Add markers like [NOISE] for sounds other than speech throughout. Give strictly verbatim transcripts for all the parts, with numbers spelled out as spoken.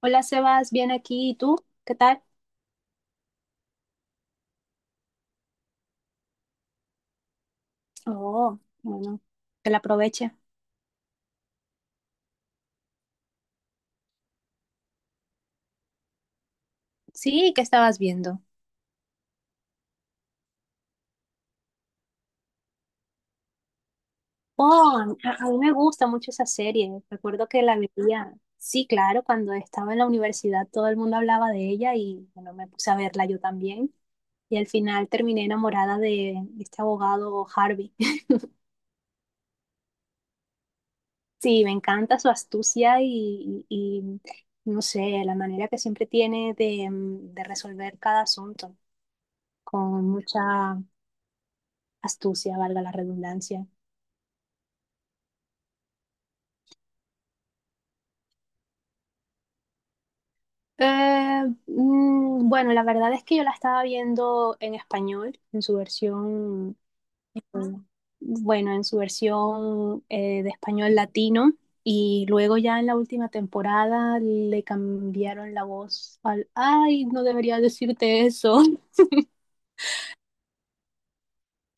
Hola Sebas, bien aquí. ¿Y tú? ¿Qué tal? Oh, bueno, que la aproveche. Sí, ¿qué estabas viendo? Oh, a, a mí me gusta mucho esa serie. Recuerdo que la veía. Sí, claro, cuando estaba en la universidad todo el mundo hablaba de ella y bueno, me puse a verla yo también. Y al final terminé enamorada de este abogado Harvey. [LAUGHS] Sí, me encanta su astucia y, y- y, no sé, la manera que siempre tiene de, mm, de resolver cada asunto con mucha astucia, ¿valga la redundancia? Eh, mm, bueno, la verdad es que yo la estaba viendo en español, en su versión, eh, bueno, en su versión eh, de español latino. Y luego ya en la última temporada le cambiaron la voz al, ay, no debería decirte eso. [LAUGHS]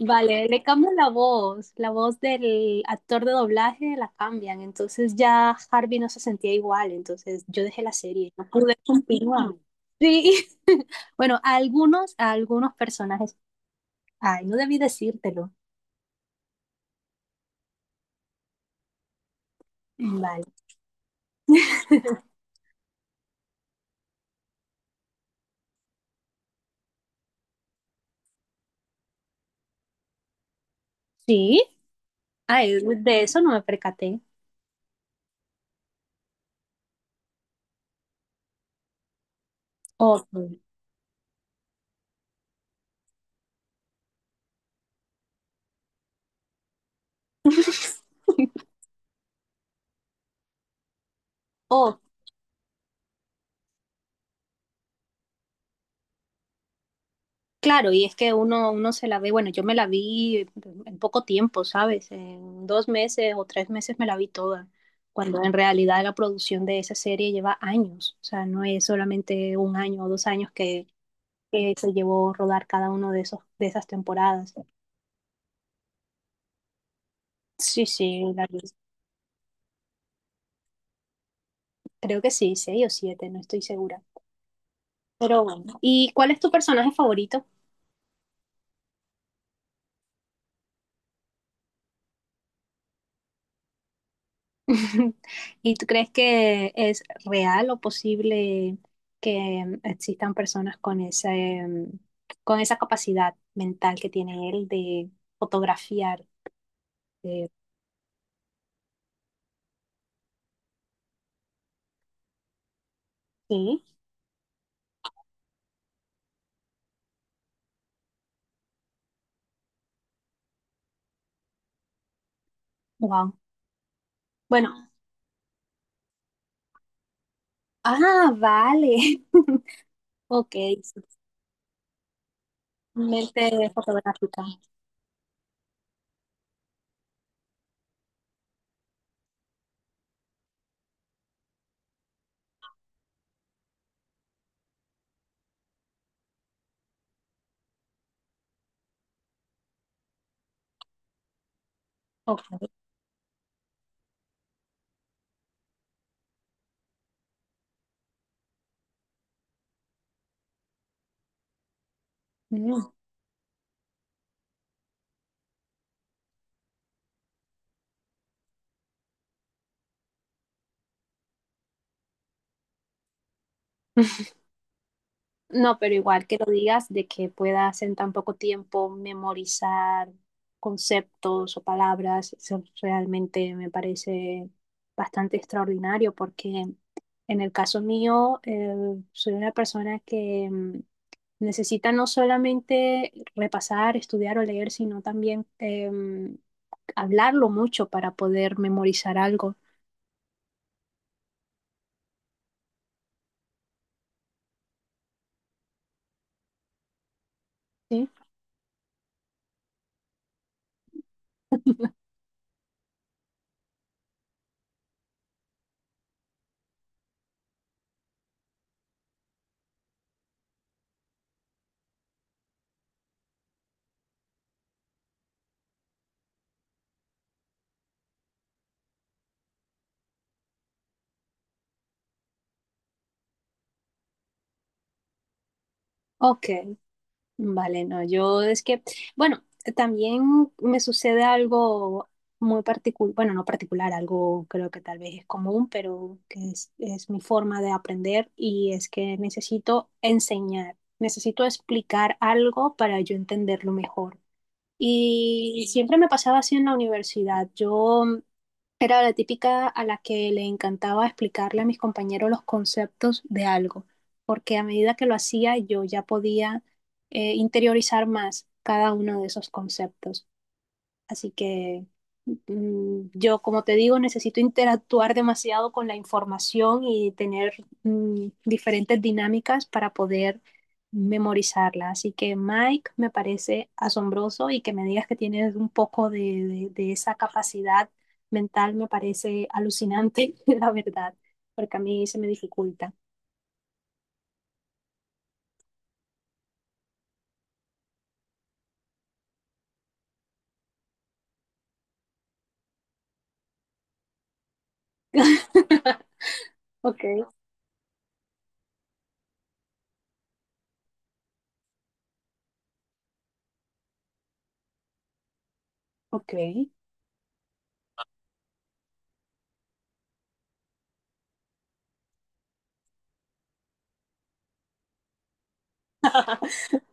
Vale, le cambian la voz, la voz del actor de doblaje la cambian, entonces ya Harvey no se sentía igual, entonces yo dejé la serie, no pude continuar. Sí, [LAUGHS] bueno, a algunos, a algunos personajes, ay, no debí decírtelo. Vale, sí, ay, de eso no me percaté. Ok, [LAUGHS] ok. Claro, y es que uno, uno se la ve, bueno, yo me la vi en poco tiempo, ¿sabes? En dos meses o tres meses me la vi toda, cuando en realidad la producción de esa serie lleva años, o sea, no es solamente un año o dos años que, que se llevó rodar cada uno de esos, de esas temporadas. Sí, sí, la vi. Creo que sí, seis o siete, no estoy segura. Pero bueno, ¿y cuál es tu personaje favorito? [LAUGHS] ¿Y tú crees que es real o posible que em, existan personas con esa, em, con esa capacidad mental que tiene él de fotografiar? Eh, sí, wow. Bueno, ah, vale. [LAUGHS] Ok, mente fotográfica. Ok. Mm. [LAUGHS] No, pero igual que lo digas de que puedas en tan poco tiempo memorizar conceptos o palabras, eso realmente me parece bastante extraordinario porque en el caso mío eh, soy una persona que mm, necesita no solamente repasar, estudiar o leer, sino también em, hablarlo mucho para poder memorizar algo. ¿Sí? Ok, vale, no, yo es que, bueno, también me sucede algo muy particular, bueno, no particular, algo creo que tal vez es común, pero que es, es mi forma de aprender y es que necesito enseñar, necesito explicar algo para yo entenderlo mejor. Y siempre me pasaba así en la universidad. Yo era la típica a la que le encantaba explicarle a mis compañeros los conceptos de algo, porque a medida que lo hacía yo ya podía eh, interiorizar más cada uno de esos conceptos. Así que mm, yo, como te digo, necesito interactuar demasiado con la información y tener mm, diferentes dinámicas para poder memorizarla. Así que Mike, me parece asombroso y que me digas que tienes un poco de, de- de esa capacidad mental me parece alucinante, [LAUGHS] la verdad, porque a mí se me dificulta. [LAUGHS] Ok, ok.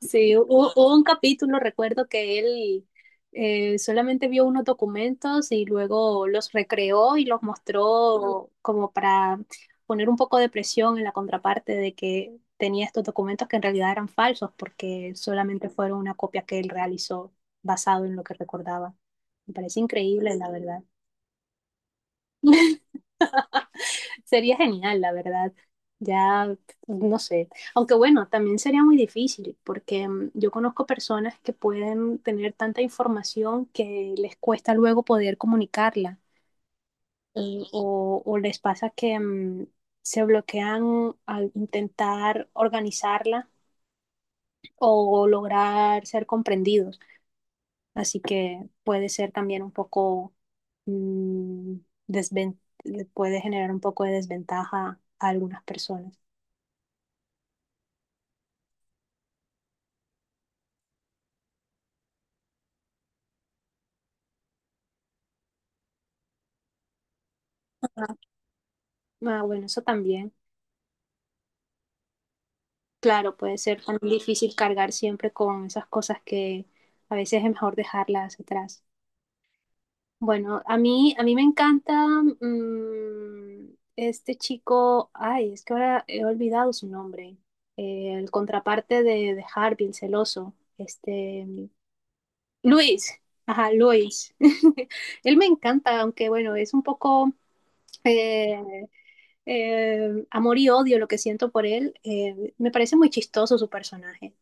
Sí, hu- hu- hubo un capítulo, recuerdo que él eh, solamente vio unos documentos y luego los recreó y los mostró como para poner un poco de presión en la contraparte de que tenía estos documentos que en realidad eran falsos porque solamente fueron una copia que él realizó basado en lo que recordaba. Me parece increíble, la verdad. Sería genial, la verdad. Ya, no sé. Aunque bueno, también sería muy difícil porque mm, yo conozco personas que pueden tener tanta información que les cuesta luego poder comunicarla y- o, o les pasa que mm, se bloquean al intentar organizarla o lograr ser comprendidos. Así que puede ser también un poco, mm, desven- puede generar un poco de desventaja a algunas personas. Ah, bueno, eso también. Claro, puede ser tan difícil cargar siempre con esas cosas que a veces es mejor dejarlas atrás. Bueno, a mí, a mí me encanta mm, este chico, ay, es que ahora he olvidado su nombre. Eh, el contraparte de, de Harvey, el celoso, este, Luis, ajá, Luis. [LAUGHS] Él me encanta, aunque bueno, es un poco... eh, eh, amor y odio lo que siento por él. Eh, me parece muy chistoso su personaje.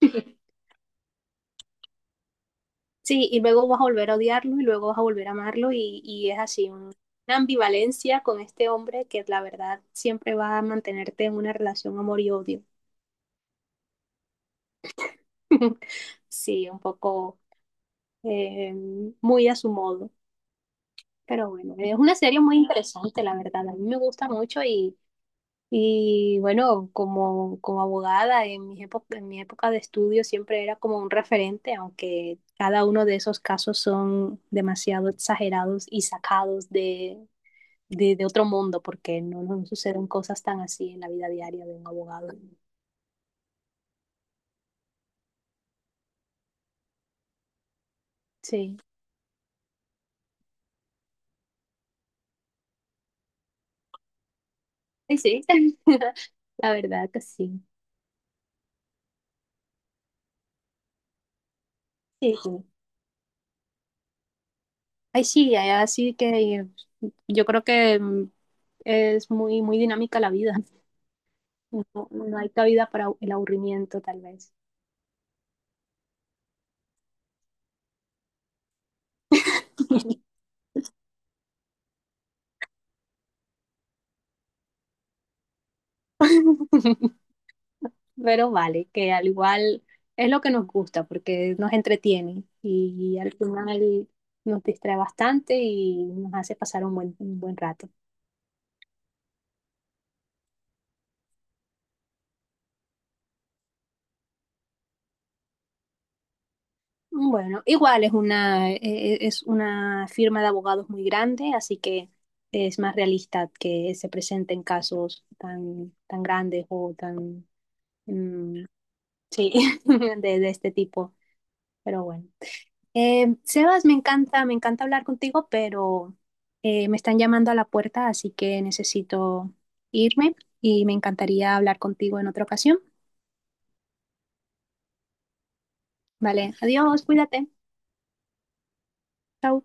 [LAUGHS] Sí, y luego vas a volver a odiarlo y luego vas a volver a amarlo y, y es así, un- una ambivalencia con este hombre que la verdad siempre va a mantenerte en una relación amor y odio. [LAUGHS] Sí, un poco eh, muy a su modo. Pero bueno, es una serie muy interesante, la verdad. A mí me gusta mucho y, Y bueno, como, como abogada, en mis épo- en mi época de estudio siempre era como un referente, aunque cada uno de esos casos son demasiado exagerados y sacados de, de, de otro mundo, porque no, no suceden cosas tan así en la vida diaria de un abogado. Sí, ay, sí, [LAUGHS] la verdad que sí. Sí, sí. Ay, sí, ay, así que yo creo que mm, es muy, muy dinámica la vida. [LAUGHS] No, no hay cabida para el aburrimiento, tal vez. [LAUGHS] [LAUGHS] Pero vale, que al igual es lo que nos gusta porque nos entretiene y al final nos distrae bastante y nos hace pasar un buen, un buen rato. Bueno, igual es una, eh, eh, es una firma de abogados muy grande, así que es más realista que se presenten casos tan, tan grandes o tan, mm, sí, [LAUGHS] de, de este tipo. Pero bueno. Eh, Sebas, me encanta, me encanta hablar contigo, pero eh, me están llamando a la puerta, así que necesito irme y me encantaría hablar contigo en otra ocasión. Vale, adiós, cuídate. Chao.